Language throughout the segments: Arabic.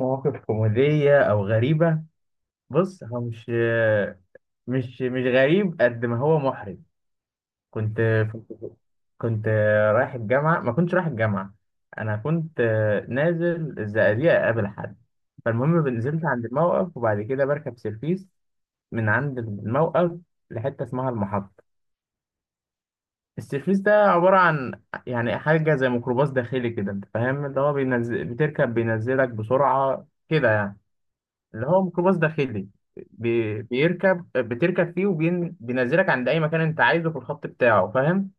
مواقف كوميدية أو غريبة. بص هو مش غريب قد ما هو محرج. كنت كنت كنت رايح الجامعة، ما كنتش رايح الجامعة، أنا كنت نازل الزقازيق أقابل حد. فالمهم نزلت عند الموقف وبعد كده بركب سيرفيس من عند الموقف لحتة اسمها المحطة. السيرفيس ده عبارة عن يعني حاجة زي ميكروباص داخلي كده، أنت فاهم، اللي هو بينزل بتركب بينزلك بسرعة كده يعني. اللي هو ميكروباص داخلي، بيركب بتركب فيه وبينزلك عند اي مكان انت عايزه في الخط بتاعه، فاهم؟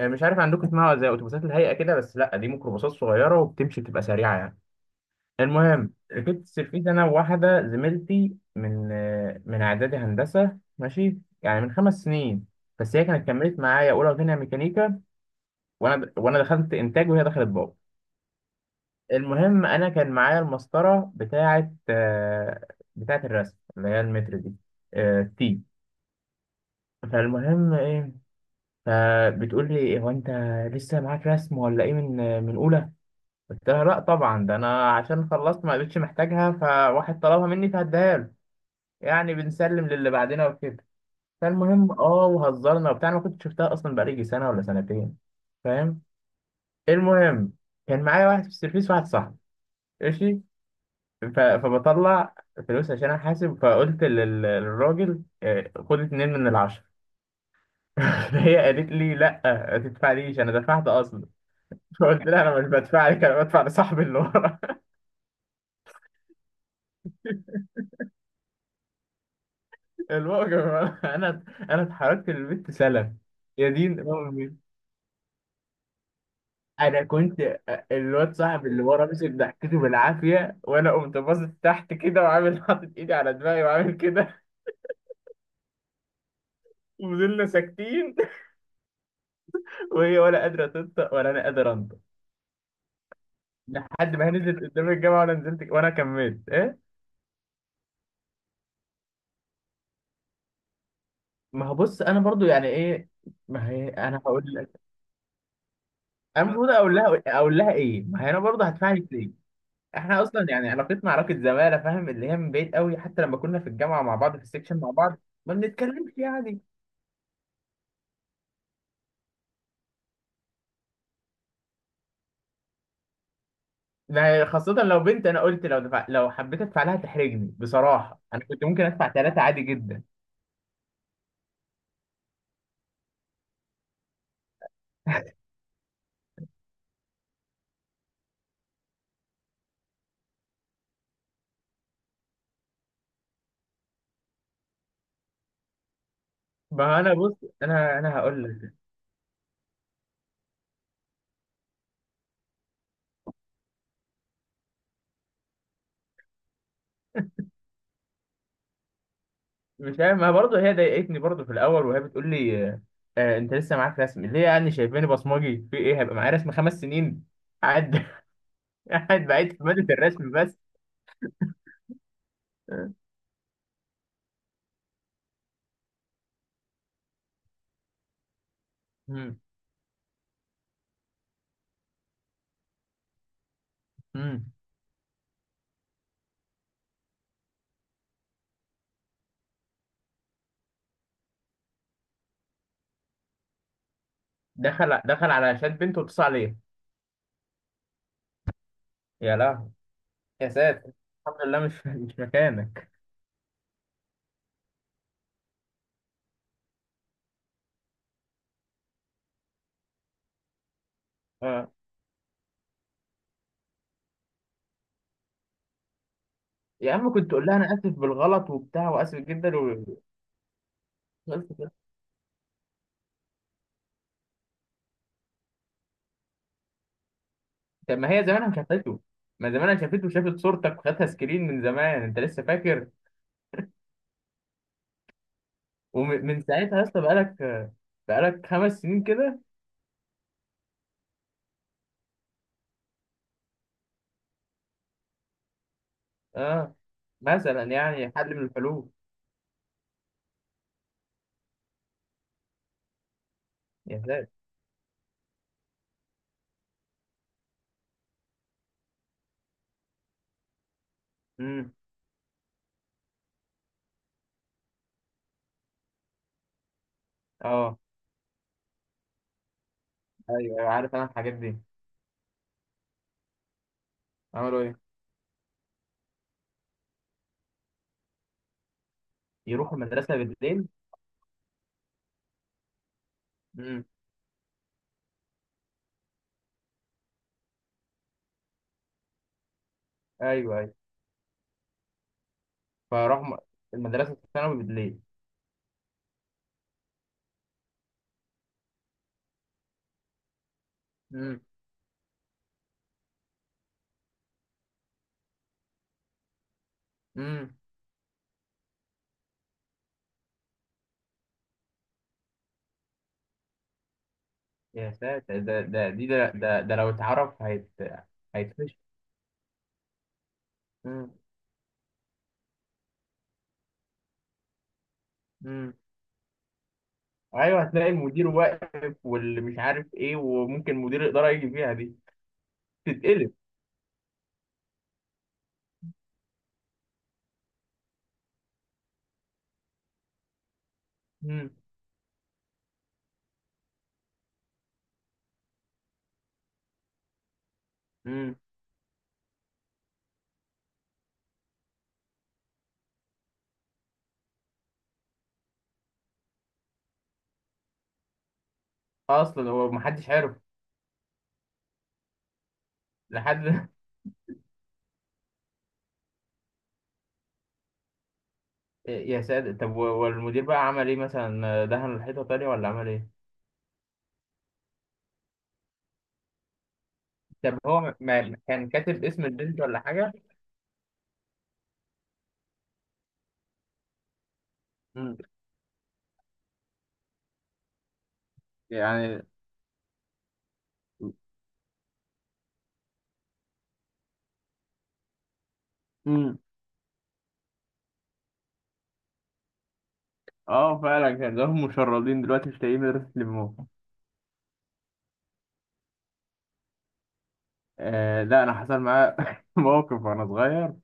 مش عارف عندكم اسمها، زي اتوبيسات الهيئه كده، بس لا دي ميكروباصات صغيره وبتمشي بتبقى سريعه يعني. المهم ركبت السيرفيس انا وواحده زميلتي من اعدادي هندسه، ماشي، يعني من خمس سنين. بس هي كانت كملت معايا اولى وثانيه ميكانيكا، وانا دخلت انتاج وهي دخلت باور. المهم انا كان معايا المسطره بتاعه بتاعه الرسم، اللي هي المتر دي، تي. فالمهم ايه، فبتقول لي هو انت لسه معاك رسم ولا ايه من اولى؟ قلت لها لا طبعا، ده انا عشان خلصت ما بقتش محتاجها، فواحد طلبها مني فهديها له، يعني بنسلم للي بعدنا وكده. فالمهم اه وهزرنا وبتاع، أنا ما كنت شفتها اصلا بقالي يجي سنه ولا سنتين، فاهم. المهم كان معايا واحد في السيرفيس، واحد صاحبي، ماشي. فبطلع فلوس عشان احاسب، فقلت للراجل خد اتنين من العشرة. فهي قالت لي لا، ما تدفعليش انا دفعت اصلا. فقلت لها انا مش بدفع لك، انا بدفع لصاحبي اللي ورا. الموقف، انا انا اتحركت من البيت سلم. يا دين امي. انا كنت، الواد صاحب اللي ورا مسك ضحكته بالعافيه، وانا قمت باصص تحت كده وعامل حاطط ايدي على دماغي وعامل كده. وفضلنا ساكتين، وهي ولا قادره تنطق ولا انا قادر انطق، لحد ما هي نزلت قدام الجامعه وانا نزلت وانا كملت ايه. ما هو بص انا برضو يعني ايه، ما هي انا هقول لك، انا المفروض اقول لها اقول لها ايه؟ ما هي انا برضو هدفع لك ليه؟ احنا اصلا يعني علاقتنا علاقه زماله، فاهم، اللي هي من بعيد قوي، حتى لما كنا في الجامعه مع بعض في السكشن مع بعض ما بنتكلمش يعني. ما هي خاصه لو بنت انا قلت لو دفع، لو حبيت ادفع لها تحرجني، بصراحه انا كنت ممكن ادفع ثلاثه عادي جدا. ما هو انا بص، انا هقول لك. مش عارف، ما برضه هي ضايقتني برضه في الاول وهي بتقول لي آه، انت لسه معاك رسم ليه؟ يعني شايفاني بصمجي في ايه هيبقى معايا رسم خمس سنين؟ قاعد قاعد بعيد في ماده الرسم بس. آه. مم. مم. دخل على شات بنت واتصل عليا. يا لهوي. يا ساتر. الحمد لله مش، مش مكانك. آه. يا عم كنت تقول لها انا اسف بالغلط وبتاع واسف جدا و... قلت كده. طب ما هي زمانها شافته، ما زمانها شافته وشافت صورتك وخدتها سكرين من زمان، انت لسه فاكر؟ ومن ساعتها يا اسطى بقالك، بقالك خمس سنين كده. اه، مثلا يعني حل من الحلول. يا ساتر. امم. اه. ايوه ايوه عارف انا الحاجات دي. عملوا ايه؟ يروحوا المدرسه بالليل؟ امم. ايوه ايوه. فراحوا م- المدرسه الثانوي بالليل. امم. امم. يا ساتر، ده ده دي ده ده، ده لو اتعرف هيت، هيتفش. امم. امم. ايوه هتلاقي المدير واقف واللي مش عارف ايه، وممكن مدير الاداره يجي فيها دي تتقلب. امم. اصلا هو محدش عارف. لحد. يا ساتر، طب والمدير بقى عمل ايه؟ مثلا دهن الحيطه تاني ولا عمل ايه؟ طب هو كان كاتب اسم البنت ولا حاجه؟ مم. يعني. مم. اه فعلا كان لهم مشردين دلوقتي مش لاقيين مدرسة يلموهم. آه لا، انا حصل معايا موقف وانا صغير.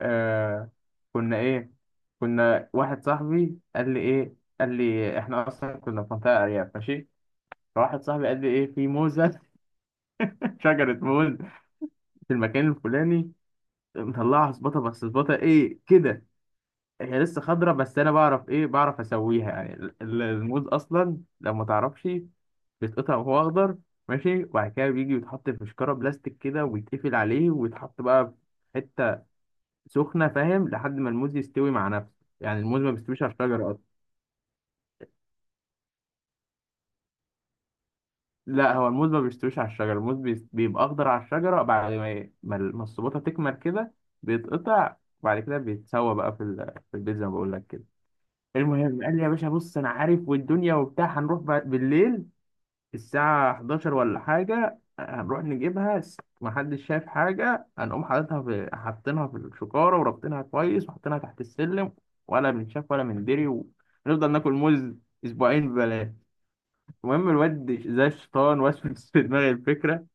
آه. كنا ايه، كنا، واحد صاحبي قال لي ايه، قال لي احنا اصلا كنا في منطقة ارياف، ماشي. فواحد صاحبي قال لي ايه، في موزة، شجرة موز في المكان الفلاني، مطلعها سباطة، بس سباطة ايه كده، هي لسه خضرة. بس انا بعرف ايه، بعرف اسويها يعني، الموز اصلا لو ما تعرفش بيتقطع وهو اخضر. ماشي، وبعد كده بيجي يتحط في شكارة بلاستيك كده، ويتقفل عليه ويتحط بقى في حتة سخنة، فاهم، لحد ما الموز يستوي مع نفسه. يعني الموز ما بيستويش على الشجرة اصلا. لا هو الموز ما بيستويش على الشجرة، الموز بيبقى اخضر على الشجرة، بعد ما ما السباطة تكمل كده بيتقطع، وبعد كده بيتسوى بقى في البيت زي ما بقول لك كده. المهم قال لي يا باشا، بص انا عارف والدنيا وبتاع، هنروح بالليل الساعة 11 ولا حاجة، هنروح نجيبها، محدش شايف حاجة، هنقوم حاططها في، حاطينها في الشكارة وربطينها كويس وحاطينها تحت السلم، ولا بنشاف ولا مندري، ونفضل ناكل موز اسبوعين ببلاش. المهم الواد زي الشيطان وسوس في دماغي الفكرة.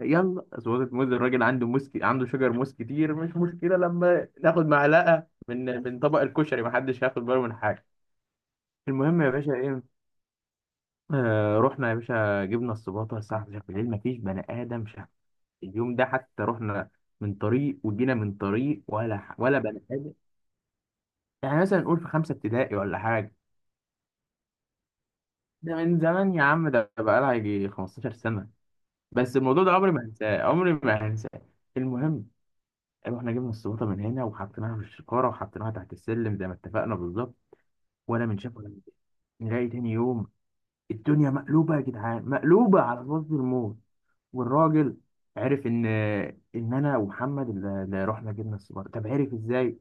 يلا سويت موز، الراجل عنده موز عنده شجر موز كتير، مش مشكلة لما ناخد معلقة من طبق الكشري، محدش هياخد باله من حاجة. المهم يا باشا رحنا يا باشا جبنا السباطة الساعة 11 بالليل، مفيش بني آدم شاف اليوم ده حتى. رحنا من طريق وجينا من طريق، ولا ولا بني آدم. يعني مثلا نقول في خمسة ابتدائي ولا حاجة. ده من زمان يا عم، ده بقالها يجي 15 سنة، بس الموضوع ده عمري ما هنساه، عمري ما هنساه. المهم رحنا جبنا السباطة من هنا وحطيناها في الشكارة وحطيناها تحت السلم زي ما اتفقنا بالظبط. ولا من شاف ولا من شاف. نلاقي تاني يوم الدنيا مقلوبة يا جدعان، مقلوبة على وش الموت. والراجل عرف ان، ان انا ومحمد اللي رحنا جبنا السيجاره، طب عرف ازاي؟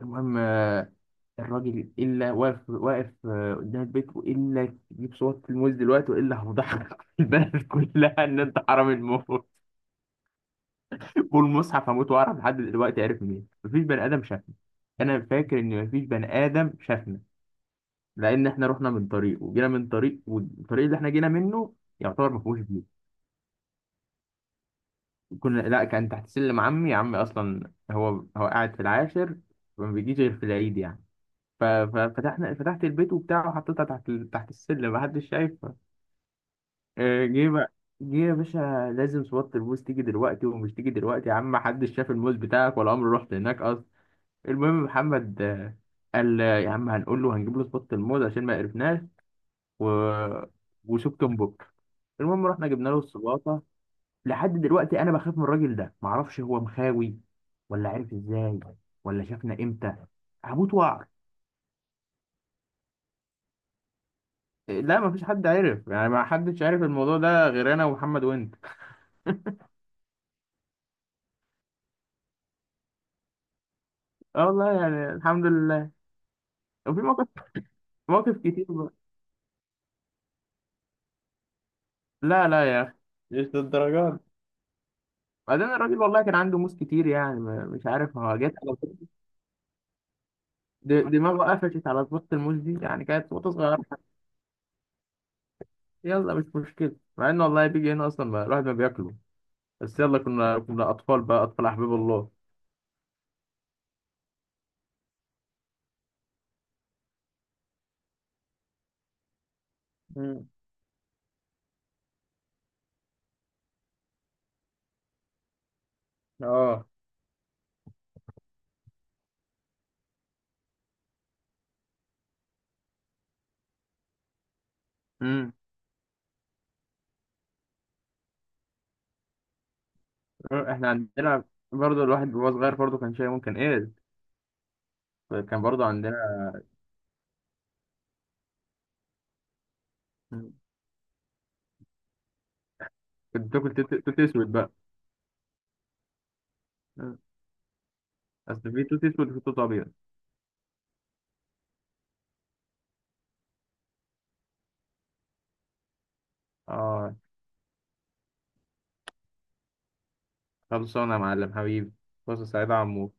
المهم الراجل الا واقف قدام البيت، والا يجيب صوت الموز دلوقتي، والا هفضحك البلد كلها ان انت حرامي الموت. والمصحف هموت واعرف، لحد دلوقتي عرف مين، مفيش بني ادم شافنا. انا فاكر ان مفيش بني ادم شافنا، لان احنا رحنا من طريق وجينا من طريق، والطريق اللي احنا جينا منه يعتبر ما فيهوش. كنا، لا كان تحت سلم عمي، عمي اصلا هو، هو قاعد في العاشر، ما بيجيش غير في العيد يعني. ففتحنا، فتحت البيت وبتاع وحطيتها تحت تحت السلم، محدش شايفها. جه بقى، جه يا باشا لازم صوت الموز تيجي دلوقتي، ومش تيجي دلوقتي يا عم، محدش شاف الموز بتاعك، ولا عمري رحت هناك اصلا. المهم محمد قال يا عم هنقول له، هنجيب له صوت الموز عشان ما قرفناش، و... وشوف كم بكره. المهم رحنا جبنا له الصباطه. لحد دلوقتي انا بخاف من الراجل ده، معرفش هو مخاوي، ولا عرف ازاي، ولا شافنا امتى، هموت وعر. لا مفيش حد عرف يعني، ما حدش عرف الموضوع ده غير انا ومحمد وانت. اه والله يعني الحمد لله. وفي مواقف، مواقف كتير بقى. لا لا يا اخي، مش للدرجات. بعدين الراجل والله كان عنده موس كتير، يعني مش عارف هو جت على طول، دماغه قفشت على طبخة الموس دي، يعني كانت موتة صغيرة. يلا مش مشكلة، مع انه والله بيجي هنا اصلا الواحد ما بياكله، بس يلا كنا اطفال بقى، اطفال احباب الله. مم. اه. امم. احنا عندنا برضه، الواحد وهو صغير برضه كان شاي ممكن ايه، كان برضه عندنا. مم. كنت بتاكل توت، توت اسود بقى. مم. اصل في توت اسود وفي توت ابيض. اه. خلصانه يا معلم حبيبي. فرصه سعيده يا عمو.